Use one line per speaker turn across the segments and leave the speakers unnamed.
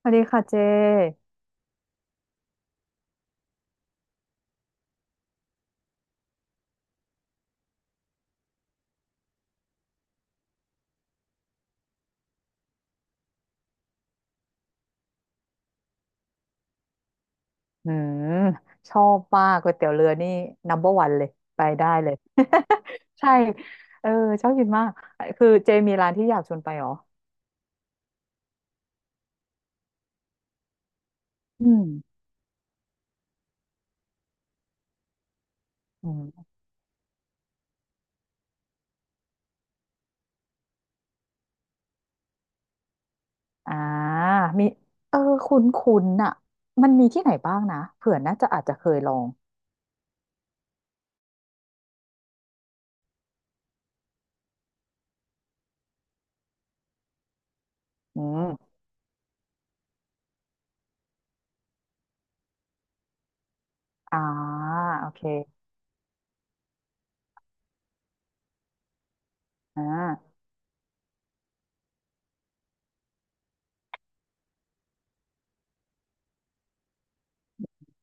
สวัสดีค่ะเจอืมชอบมากก๋วยเตี๋ยวเรือนี่ number one เบอร์วันเลยไปได้เลย ใช่เออชอบกินมาก คือเจมีร้านที่อยากชวนไปเหรออืมอืมอ่ามีเออคุ้นคุ้นอะมันมีที่ไหนบ้างนะเผื่อน่าจะอาจจะเคยลองอืมอ่าโอเคอ่า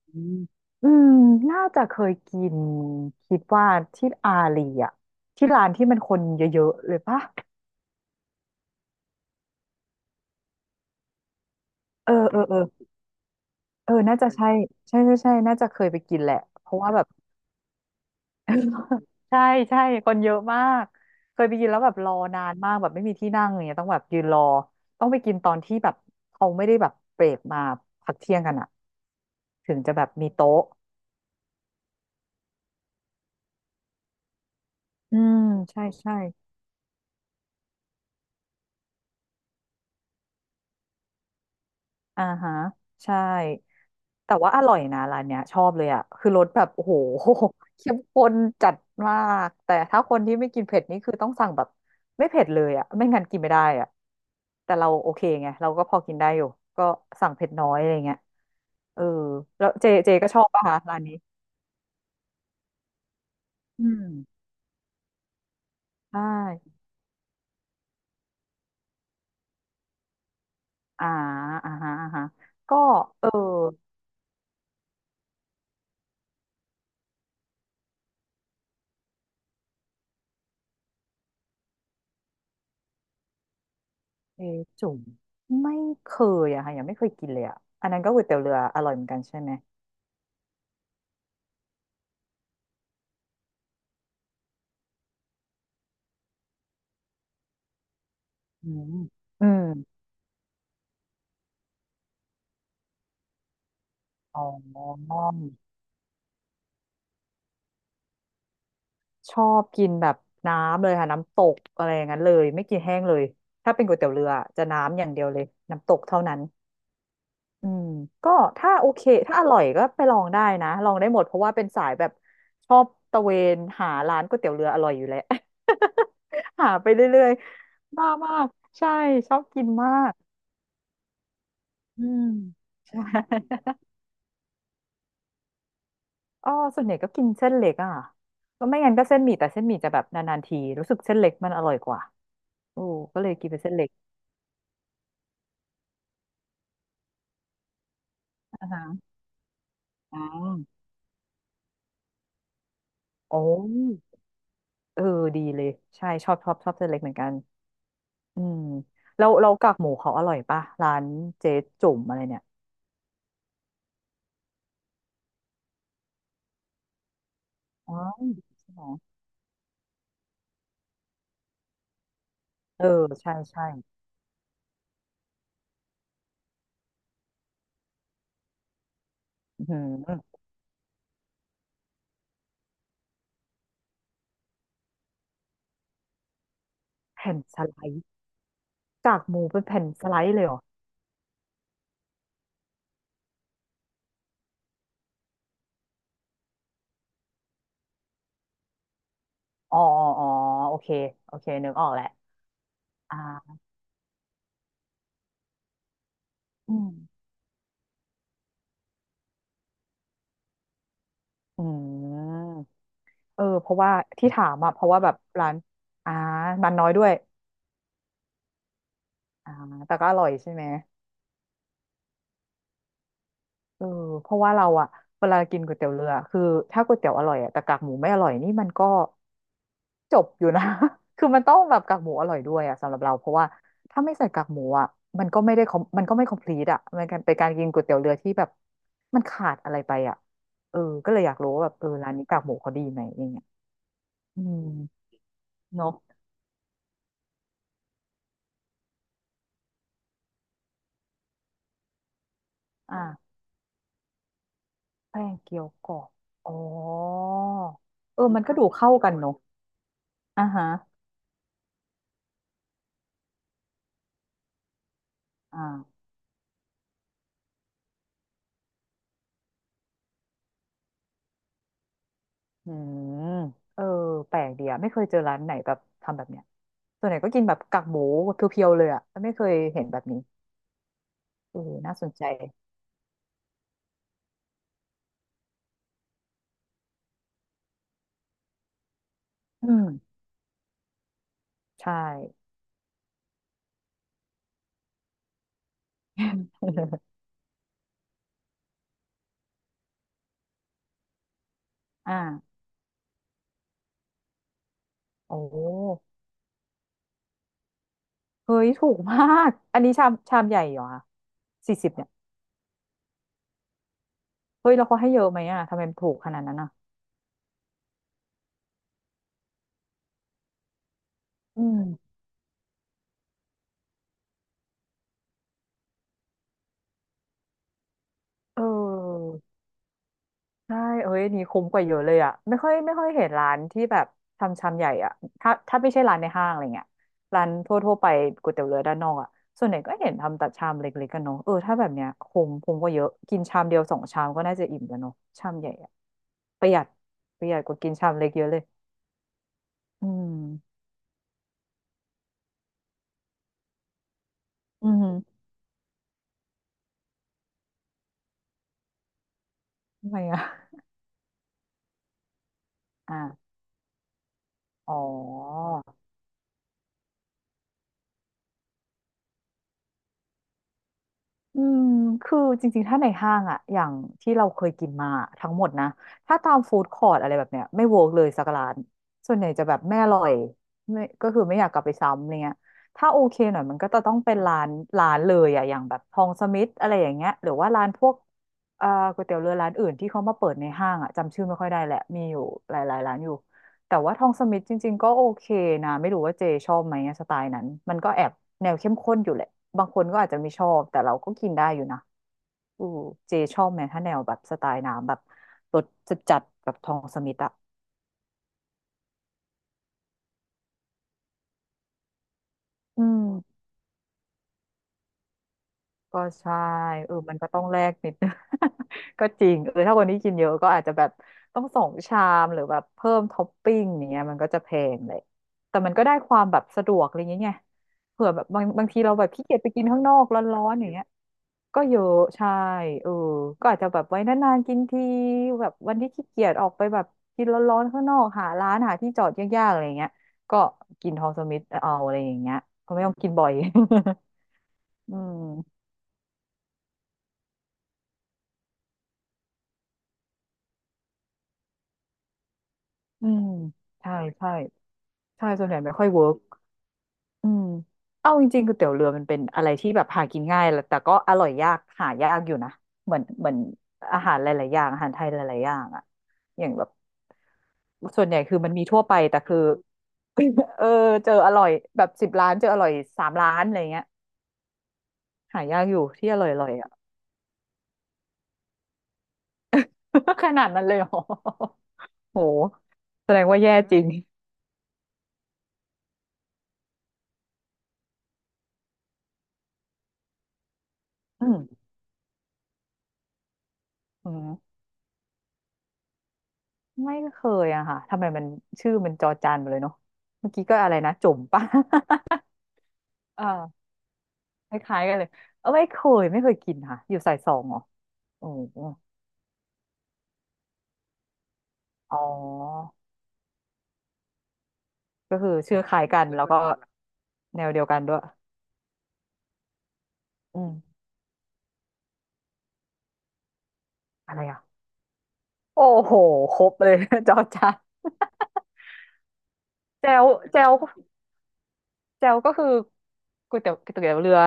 อืมอืมน่าจะเคยกินคิดว่าที่อารีอะที่ร้านที่มันคนเยอะๆเลยปะเออเออเออ เออ น่าจะใช่ใช่ใช่ใช่ น่าจะเคยไปกินแหละ เพราะว่าแบบ ใช่ใช่คนเยอะมาก เคยไปกินแล้วแบบรอนานมากแบบไม่มีที่นั่งอย่างเงี้ยต้องแบบยืนรอต้องไปกินตอนที่แบบเขาไม่ได้แบบเบรกมาพักเที่ยงกันอะถึงจะแบบมีโต๊ะ อืม ใช่ใช่ อ่าฮะใช่แต่ว่าอร่อยนะร้านเนี้ยชอบเลยอ่ะคือรสแบบโอ้โห เข้มข้นจัดมากแต่ถ้าคนที่ไม่กินเผ็ดนี่คือต้องสั่งแบบไม่เผ็ดเลยอ่ะไม่งั้นกินไม่ได้อ่ะแต่เราโอเคไงเราก็พอกินได้อยู่ก็สั่งเผ็ดน้อยอะไรเงี้ยเออแล้วเจเจก็ชอบป่ะคะร้านนี้อืมใช่อ่าอ่าฮะอ่าฮะก็เออเอจุ่มไม่เคยอะค่ะยังไม่เคยกินเลยอะอันนั้นก็ก๋วยเตี๋ยวเรืออร่อยเหมือนกันใช่ไหม อืมอืมอ๋อชอบกินแบบน้ำเลยค่ะน้ำตกอะไรอย่างนั้นเลยไม่กินแห้งเลยถ้าเป็นก๋วยเตี๋ยวเรือจะน้ำอย่างเดียวเลยน้ำตกเท่านั้นอืมก็ถ้าโอเคถ้าอร่อยก็ไปลองได้นะลองได้หมดเพราะว่าเป็นสายแบบชอบตะเวนหาร้านก๋วยเตี๋ยวเรืออร่อยอยู่แล้ว หาไปเรื่อยๆบ้ามากใช่ชอบกินมากอืมใช่ อ๋อส่วนใหญ่ก็กินเส้นเล็กอ่ะก็ไม่งั้นก็เส้นหมี่แต่เส้นหมี่จะแบบนานๆทีรู้สึกเส้นเล็กมันอร่อยกว่าโอ้ก็เลยกินเป็นเส้นเล็กอ่าฮะอ๋อโอ้เออดีเลยใช่ชอบชอบชอบเส้นเล็กเหมือนกันอืมแล้วเรากากหมูเขาอร่อยป่ะร้านเจ๊จุ่มอะไรเนี่ยอ๋อใช่ไหมเออใช่ใช่อืมแผ่นสไลด์กากหมูเป็นแผ่นสไลด์เลยเหรออ๋ออ๋ออ๋อโอเคโอเคนึกออกแหละอ่าอืมอืม เออเพราะว่าที่ถามอ่ะเพราะว่าแบบร้านอ่ามันน้อยด้วยอ่าแต่ก็อร่อยใช่ไหมเออเพราะว่าเราอ่ะเวลากินก๋วยเตี๋ยวเรือคือถ้าก๋วยเตี๋ยวอร่อยอ่ะแต่กากหมูไม่อร่อยนี่มันก็จบอยู่นะ คือมันต้องแบบกากหมูอร่อยด้วยอ่ะสำหรับเราเพราะว่าถ้าไม่ใส่กากหมูอ่ะมันก็ไม่ได้ มันก็ไม่ complete อ่ะมันเป็นการกินก๋วยเตี๋ยวเรือที่แบบมันขาดอะไรไปอ่ะเออก็เลยอยากรู้ว่าแบบเออร้านนี้กากหมูเขาดีไหมอย่างเงี้ยอืมเนาะอ่า แป้งเกี๊ยวกรอบอ๋อเออมันก็ดูเข้ากันเนอะอ่าฮะอ่าอืมเออแปลกดีอะไม่เคยเจอร้านไหนแบบทำแบบเนี้ยส่วนใหญ่ก็กินแบบกากหมูเพียวๆเลยอะไม่เคยเห็นแบบนี้เออน่าสนใจอืมใช่ อ่าโอ้เฮ้ยถูกมากอันนี้ชามชามใหญ่เหรอคะ40เนี่ยเฮ้ยแล้วเขาให้เยอะไหมอะทำไมมันถูกขนาดนั้นอะอืมเออ ใช่เอ้ยอันนี่คุ้มกว่าเยอะเลยอ่ะไม่ค่อยไม่ค่อยเห็นร้านที่แบบทำชามใหญ่อ่ะถ้าถ้าไม่ใช่ร้านในห้างอะไรเงี้ยร้านทั่วทั่วไปก๋วยเตี๋ยวเรือด้านนอกอ่ะส่วนใหญ่ก็เห็นทำแต่ชามเล็กๆกันเนาะเออถ้าแบบเนี้ยคุ้มคุ้มกว่าเยอะ กินชามเดียว2 ชามก็น่าจะอิ่มแล้วเนาะชามใหญ่อ่ะประหยัดประหยัดกว่ากินชามเล็กเยอะเลยอืมอืมทำไมอ่ะอ่าอ๋อ อืม คือจริงๆ ถ้าในห้างอะอย่างที่เราเคยกินมาทั้งหมดนะ ถ้าตามฟู้ดคอร์ t อะไรแบบเนี้ยไม่เวิร์กเลยสักร้านส่วนใหญ่จะแบบไม่อร่อยไม่ก็คือไม่อยากกลับไปซ้ำอะไรเงี้ยถ้าโอเคหน่อยมันก็จะต้องเป็นร้านร้านเลยอะอย่างแบบทองสมิธอะไรอย่างเงี้ยหรือว่าร้านพวกเอ่อก๋วยเตี๋ยวเรือร้านอื่นที่เขามาเปิดในห้างอะจำชื่อไม่ค่อยได้แหละมีอยู่หลายๆร้านอยู่ แต่ว่าทองสมิธจริงๆก็โอเคนะไม่รู้ว่าเจชอบไหมอะสไตล์นั้นมันก็แอบแนวเข้มข้นอยู่แหละบางคนก็อาจจะไม่ชอบแต่เราก็กินได้อยู่นะอือเจชอบไหมถ้าแนวแบบสไตล์น้ำแบบรสจัดๆแบบทองสมิธอะอืมก็ใช่เออมันก็ต้องแลกนิดนึง ก็จริงเออถ้าวันนี้กินเยอะก็อาจจะแบบต้องสองชามหรือแบบเพิ่มท็อปปิ้งอย่างเงี้ยมันก็จะแพงเลยแต่มันก็ได้ความแบบสะดวกอะไรอย่างเงี้ยไงเผื่อแบบบางทีเราแบบขี้เกียจไปกินข้างนอกร้อนๆอย่างเงี้ย ก็เยอะใช่เออก็อาจจะแบบไว้นานๆกินทีแบบวันที่ขี้เกียจออกไปแบบกินร้อนๆข้างนอกหาร้านหาที่จอดยากๆอะไรเงี้ยก็กินทอมสมิธเอาอะไรอย่างเงี้ยก็ไม่ต้องกินบ่อย อืมอืมใช่ใช่ใช่ส่วนใหญ่ไม่ค่อยเวิร์กอืมเอาจริงๆก๋วยเตี๋ยวเรือมันเป็นอะไรที่แบบหากินง่ายแหละแต่ก็อร่อยยากหายากอยู่นะเหมือนอาหารหลายๆอย่างอาหารไทยหลายๆอย่างอะอย่างแบบส่วนใหญ่คือมันมีทั่วไปแต่คือ เออเจออร่อยแบบสิบร้านเจออร่อยสามร้านอะไรเงี้ยหายากอยู่ที่อร่อยอร่อยอ่ะ ขนาดนั้นเลยเหรอโหแสดงว่าแย่จริงอืมอืมไม่เคยอะค่ะทำไมมันชื่อมันจอจานไปเลยเนาะเมื่อกี้ก็อะไรนะจุ่มป่ะ อ่าคล้ายๆกันเลยเออไม่เคยกินค่ะอยู่สายสองเหรอโอ้โหอ๋อก็คือชื่อคล้ายกันแล้วก็แนวเดียวกันด้วยอืมอะไรอ่ะโอ้โหครบเลย จอจาน แจวแจว เจลก็คือก๋วยเตี๋ยวก๋วยเตี๋ยวเรือ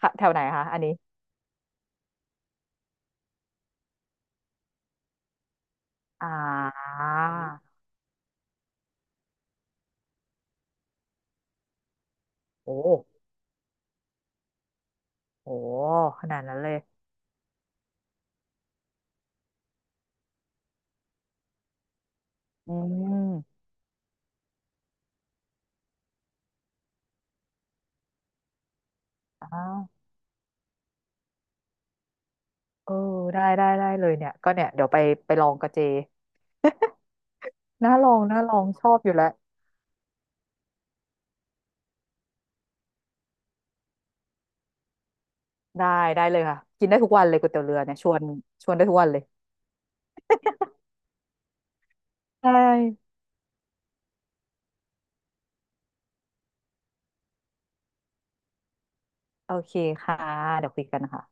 ค่ะแถวไหนคะอันนี้อ่าโอ้โหขนาดนั้นเลยอืมอ้าวเออได้เลยเนี่ยก็เนี่ยเดี๋ยวไปไปลองกัเจน่าลองชอบอยู่แล้วได้ได้เลยค่ะกินได้ทุกวันเลยก๋วยเตี๋ยวเรือเนี่ยชวนได้ทุกวันเลยใช่โอเคค่ะเดี๋ยวคุยกันนะคะ